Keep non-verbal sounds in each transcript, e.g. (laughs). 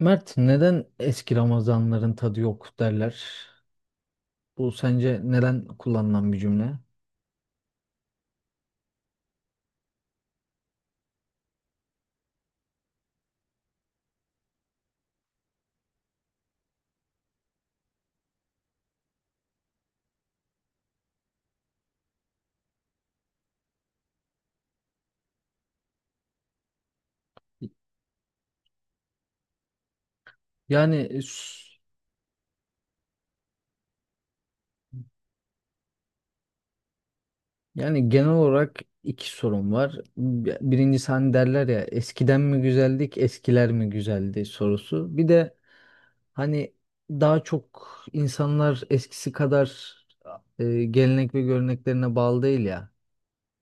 Mert, neden eski Ramazanların tadı yok derler? Bu sence neden kullanılan bir cümle? Yani s- yani genel olarak iki sorun var. Birincisi hani derler ya eskiden mi güzeldik, eskiler mi güzeldi sorusu. Bir de hani daha çok insanlar eskisi kadar gelenek ve göreneklerine bağlı değil ya.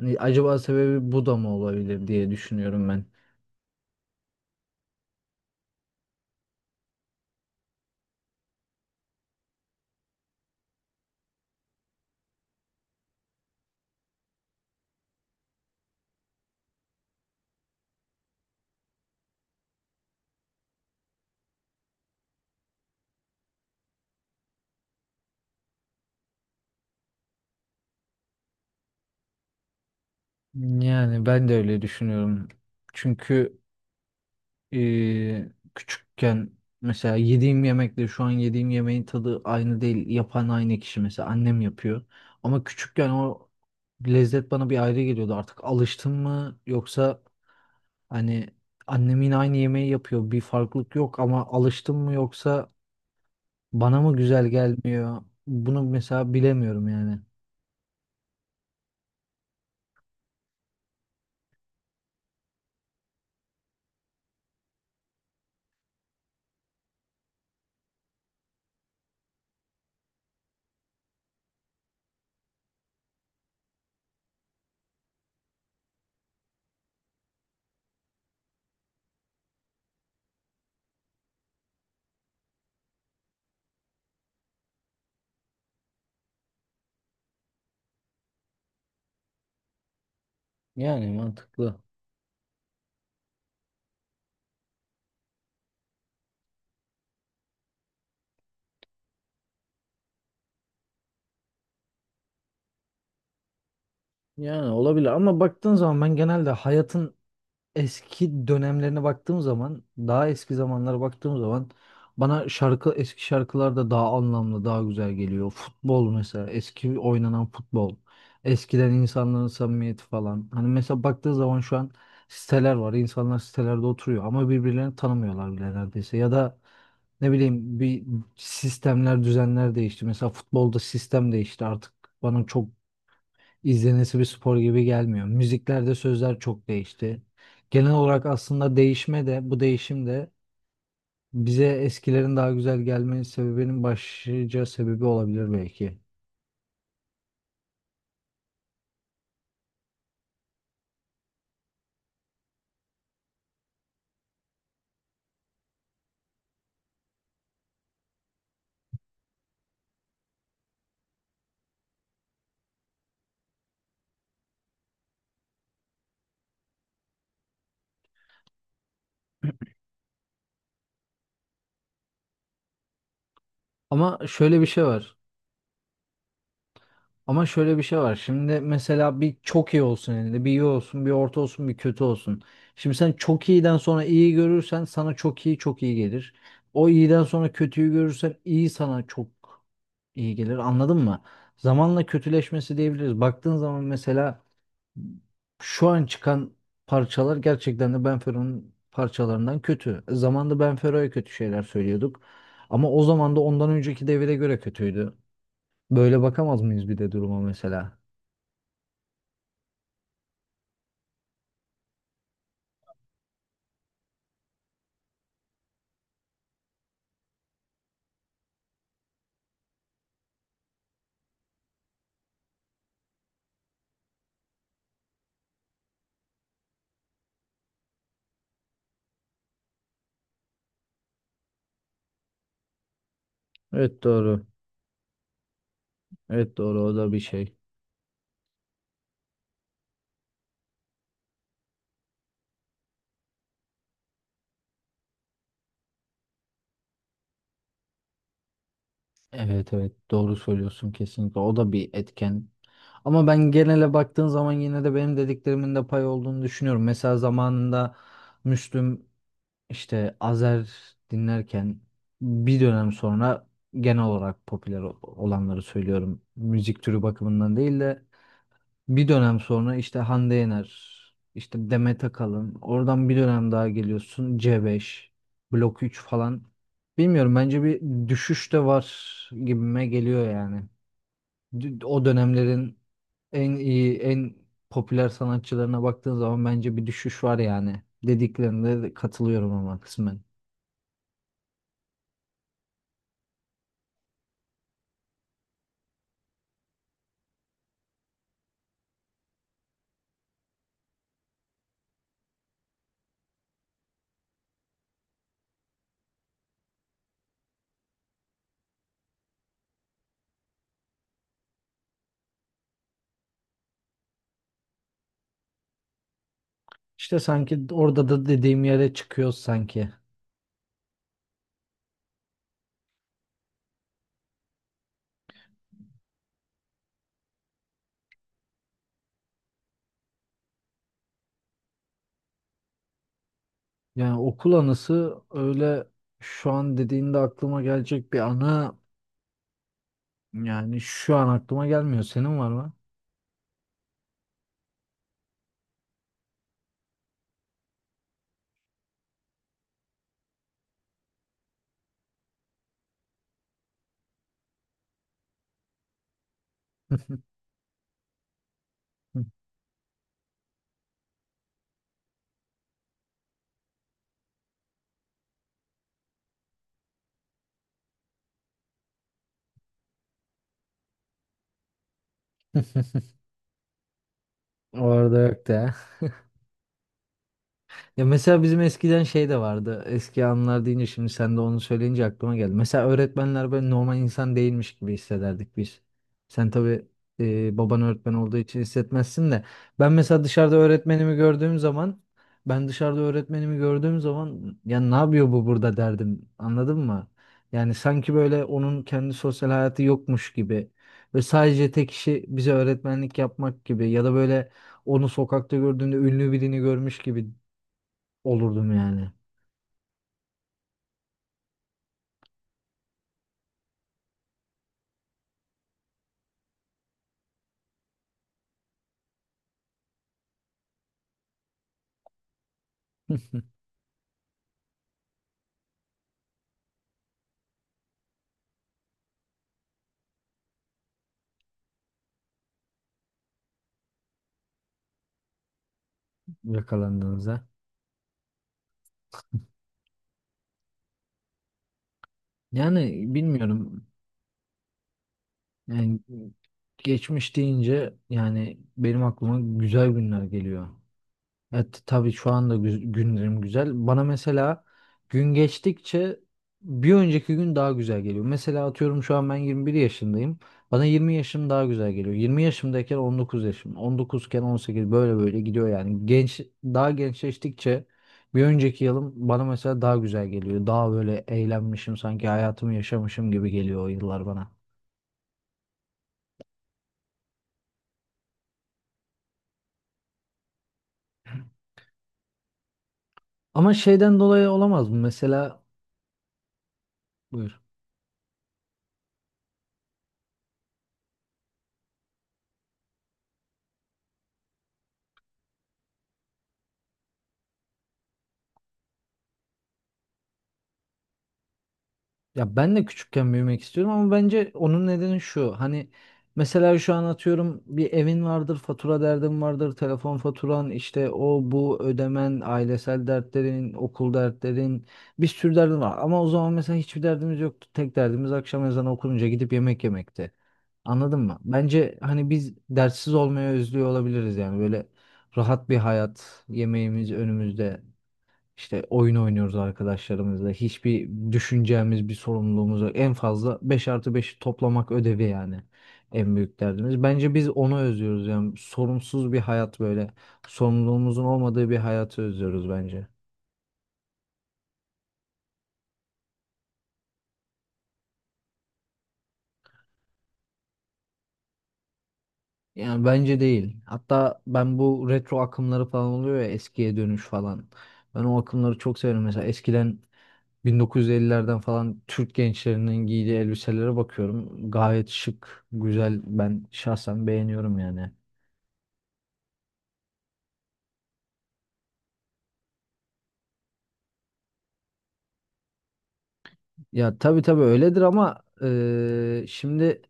Hani acaba sebebi bu da mı olabilir diye düşünüyorum ben. Yani ben de öyle düşünüyorum. Çünkü Ee, küçükken mesela yediğim yemekle şu an yediğim yemeğin tadı aynı değil. Yapan aynı kişi, mesela annem yapıyor. Ama küçükken o lezzet bana bir ayrı geliyordu. Artık alıştım mı yoksa hani annem yine aynı yemeği yapıyor. Bir farklılık yok ama alıştım mı yoksa bana mı güzel gelmiyor? Bunu mesela bilemiyorum yani. Yani mantıklı. Yani olabilir ama baktığın zaman ben genelde hayatın eski dönemlerine baktığım zaman, daha eski zamanlara baktığım zaman bana şarkı eski şarkılar da daha anlamlı, daha güzel geliyor. Futbol mesela, eski oynanan futbol. Eskiden insanların samimiyeti falan. Hani mesela baktığı zaman şu an siteler var. İnsanlar sitelerde oturuyor ama birbirlerini tanımıyorlar bile neredeyse. Ya da ne bileyim bir sistemler, düzenler değişti. Mesela futbolda sistem değişti artık. Bana çok izlenesi bir spor gibi gelmiyor. Müziklerde sözler çok değişti. Genel olarak aslında değişme de bu değişim de bize eskilerin daha güzel gelme sebebinin başlıca sebebi olabilir belki. Ama şöyle bir şey var. Ama şöyle bir şey var. Şimdi mesela bir çok iyi olsun elinde, bir iyi olsun, bir orta olsun, bir kötü olsun. Şimdi sen çok iyiden sonra iyi görürsen sana çok iyi çok iyi gelir. O iyiden sonra kötüyü görürsen iyi sana çok iyi gelir. Anladın mı? Zamanla kötüleşmesi diyebiliriz. Baktığın zaman mesela şu an çıkan parçalar gerçekten de Benfero'nun parçalarından kötü. Zamanında Benfero'ya kötü şeyler söylüyorduk. Ama o zaman da ondan önceki devire göre kötüydü. Böyle bakamaz mıyız bir de duruma mesela? Evet, doğru. Evet, doğru, o da bir şey. Evet, evet, doğru söylüyorsun kesinlikle. O da bir etken. Ama ben genele baktığın zaman yine de benim dediklerimin de pay olduğunu düşünüyorum. Mesela zamanında Müslüm, işte Azer dinlerken bir dönem sonra genel olarak popüler olanları söylüyorum. Müzik türü bakımından değil de bir dönem sonra işte Hande Yener, işte Demet Akalın, oradan bir dönem daha geliyorsun C5, Blok 3 falan. Bilmiyorum, bence bir düşüş de var gibime geliyor yani. O dönemlerin en iyi, en popüler sanatçılarına baktığın zaman bence bir düşüş var yani. Dediklerinde de katılıyorum ama kısmen. İşte sanki orada da dediğim yere çıkıyoruz sanki. Yani okul anısı öyle şu an dediğinde aklıma gelecek bir anı, yani şu an aklıma gelmiyor. Senin var mı? (laughs) Orada yok de. Ya mesela bizim eskiden şey de vardı. Eski anılar deyince şimdi sen de onu söyleyince aklıma geldi. Mesela öğretmenler böyle normal insan değilmiş gibi hissederdik biz. Sen tabii baban öğretmen olduğu için hissetmezsin de. Ben mesela dışarıda öğretmenimi gördüğüm zaman ben dışarıda öğretmenimi gördüğüm zaman ya ne yapıyor bu burada derdim. Anladın mı? Yani sanki böyle onun kendi sosyal hayatı yokmuş gibi ve sadece tek işi bize öğretmenlik yapmak gibi ya da böyle onu sokakta gördüğünde ünlü birini görmüş gibi olurdum yani. (laughs) Yakalandığınızda. Yani bilmiyorum. Yani geçmiş deyince yani benim aklıma güzel günler geliyor. Evet, tabii şu anda günlerim güzel. Bana mesela gün geçtikçe bir önceki gün daha güzel geliyor. Mesela atıyorum şu an ben 21 yaşındayım. Bana 20 yaşım daha güzel geliyor. 20 yaşımdayken 19 yaşım. 19'ken 18 böyle böyle gidiyor yani. Genç daha gençleştikçe bir önceki yılım bana mesela daha güzel geliyor. Daha böyle eğlenmişim, sanki hayatımı yaşamışım gibi geliyor o yıllar bana. Ama şeyden dolayı olamaz mı? Mesela buyur. Ya ben de küçükken büyümek istiyorum ama bence onun nedeni şu. Hani mesela şu an atıyorum bir evin vardır, fatura derdin vardır, telefon faturan, işte o bu ödemen, ailesel dertlerin, okul dertlerin, bir sürü derdin var. Ama o zaman mesela hiçbir derdimiz yoktu. Tek derdimiz akşam ezanı okununca gidip yemek yemekti. Anladın mı? Bence hani biz dertsiz olmaya özlüyor olabiliriz yani, böyle rahat bir hayat, yemeğimiz önümüzde. İşte oyun oynuyoruz arkadaşlarımızla. Hiçbir düşüneceğimiz bir sorumluluğumuz yok. En fazla 5 artı 5 toplamak ödevi yani. En büyük derdimiz. Bence biz onu özlüyoruz yani. Sorumsuz bir hayat böyle. Sorumluluğumuzun olmadığı bir hayatı özlüyoruz bence. Yani bence değil. Hatta ben bu retro akımları falan oluyor ya, eskiye dönüş falan. Ben o akımları çok severim. Mesela eskiden 1950'lerden falan Türk gençlerinin giydiği elbiselere bakıyorum. Gayet şık, güzel. Ben şahsen beğeniyorum yani. Ya tabii tabii öyledir ama şimdi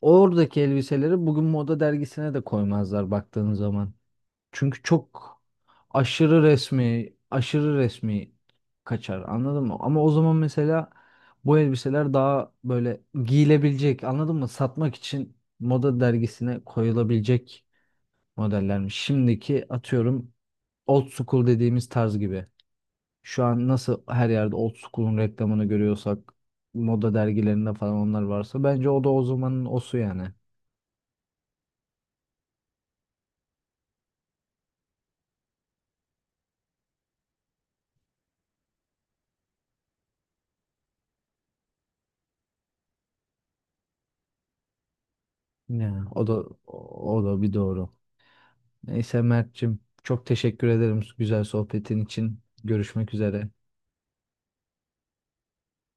oradaki elbiseleri bugün moda dergisine de koymazlar baktığın zaman. Çünkü çok aşırı resmi kaçar, anladın mı? Ama o zaman mesela bu elbiseler daha böyle giyilebilecek, anladın mı? Satmak için moda dergisine koyulabilecek modellermiş. Şimdiki atıyorum old school dediğimiz tarz gibi. Şu an nasıl her yerde old school'un reklamını görüyorsak moda dergilerinde falan onlar varsa bence o da o zamanın osu yani. Ya, o da bir doğru. Neyse Mert'cim, çok teşekkür ederim güzel sohbetin için. Görüşmek üzere.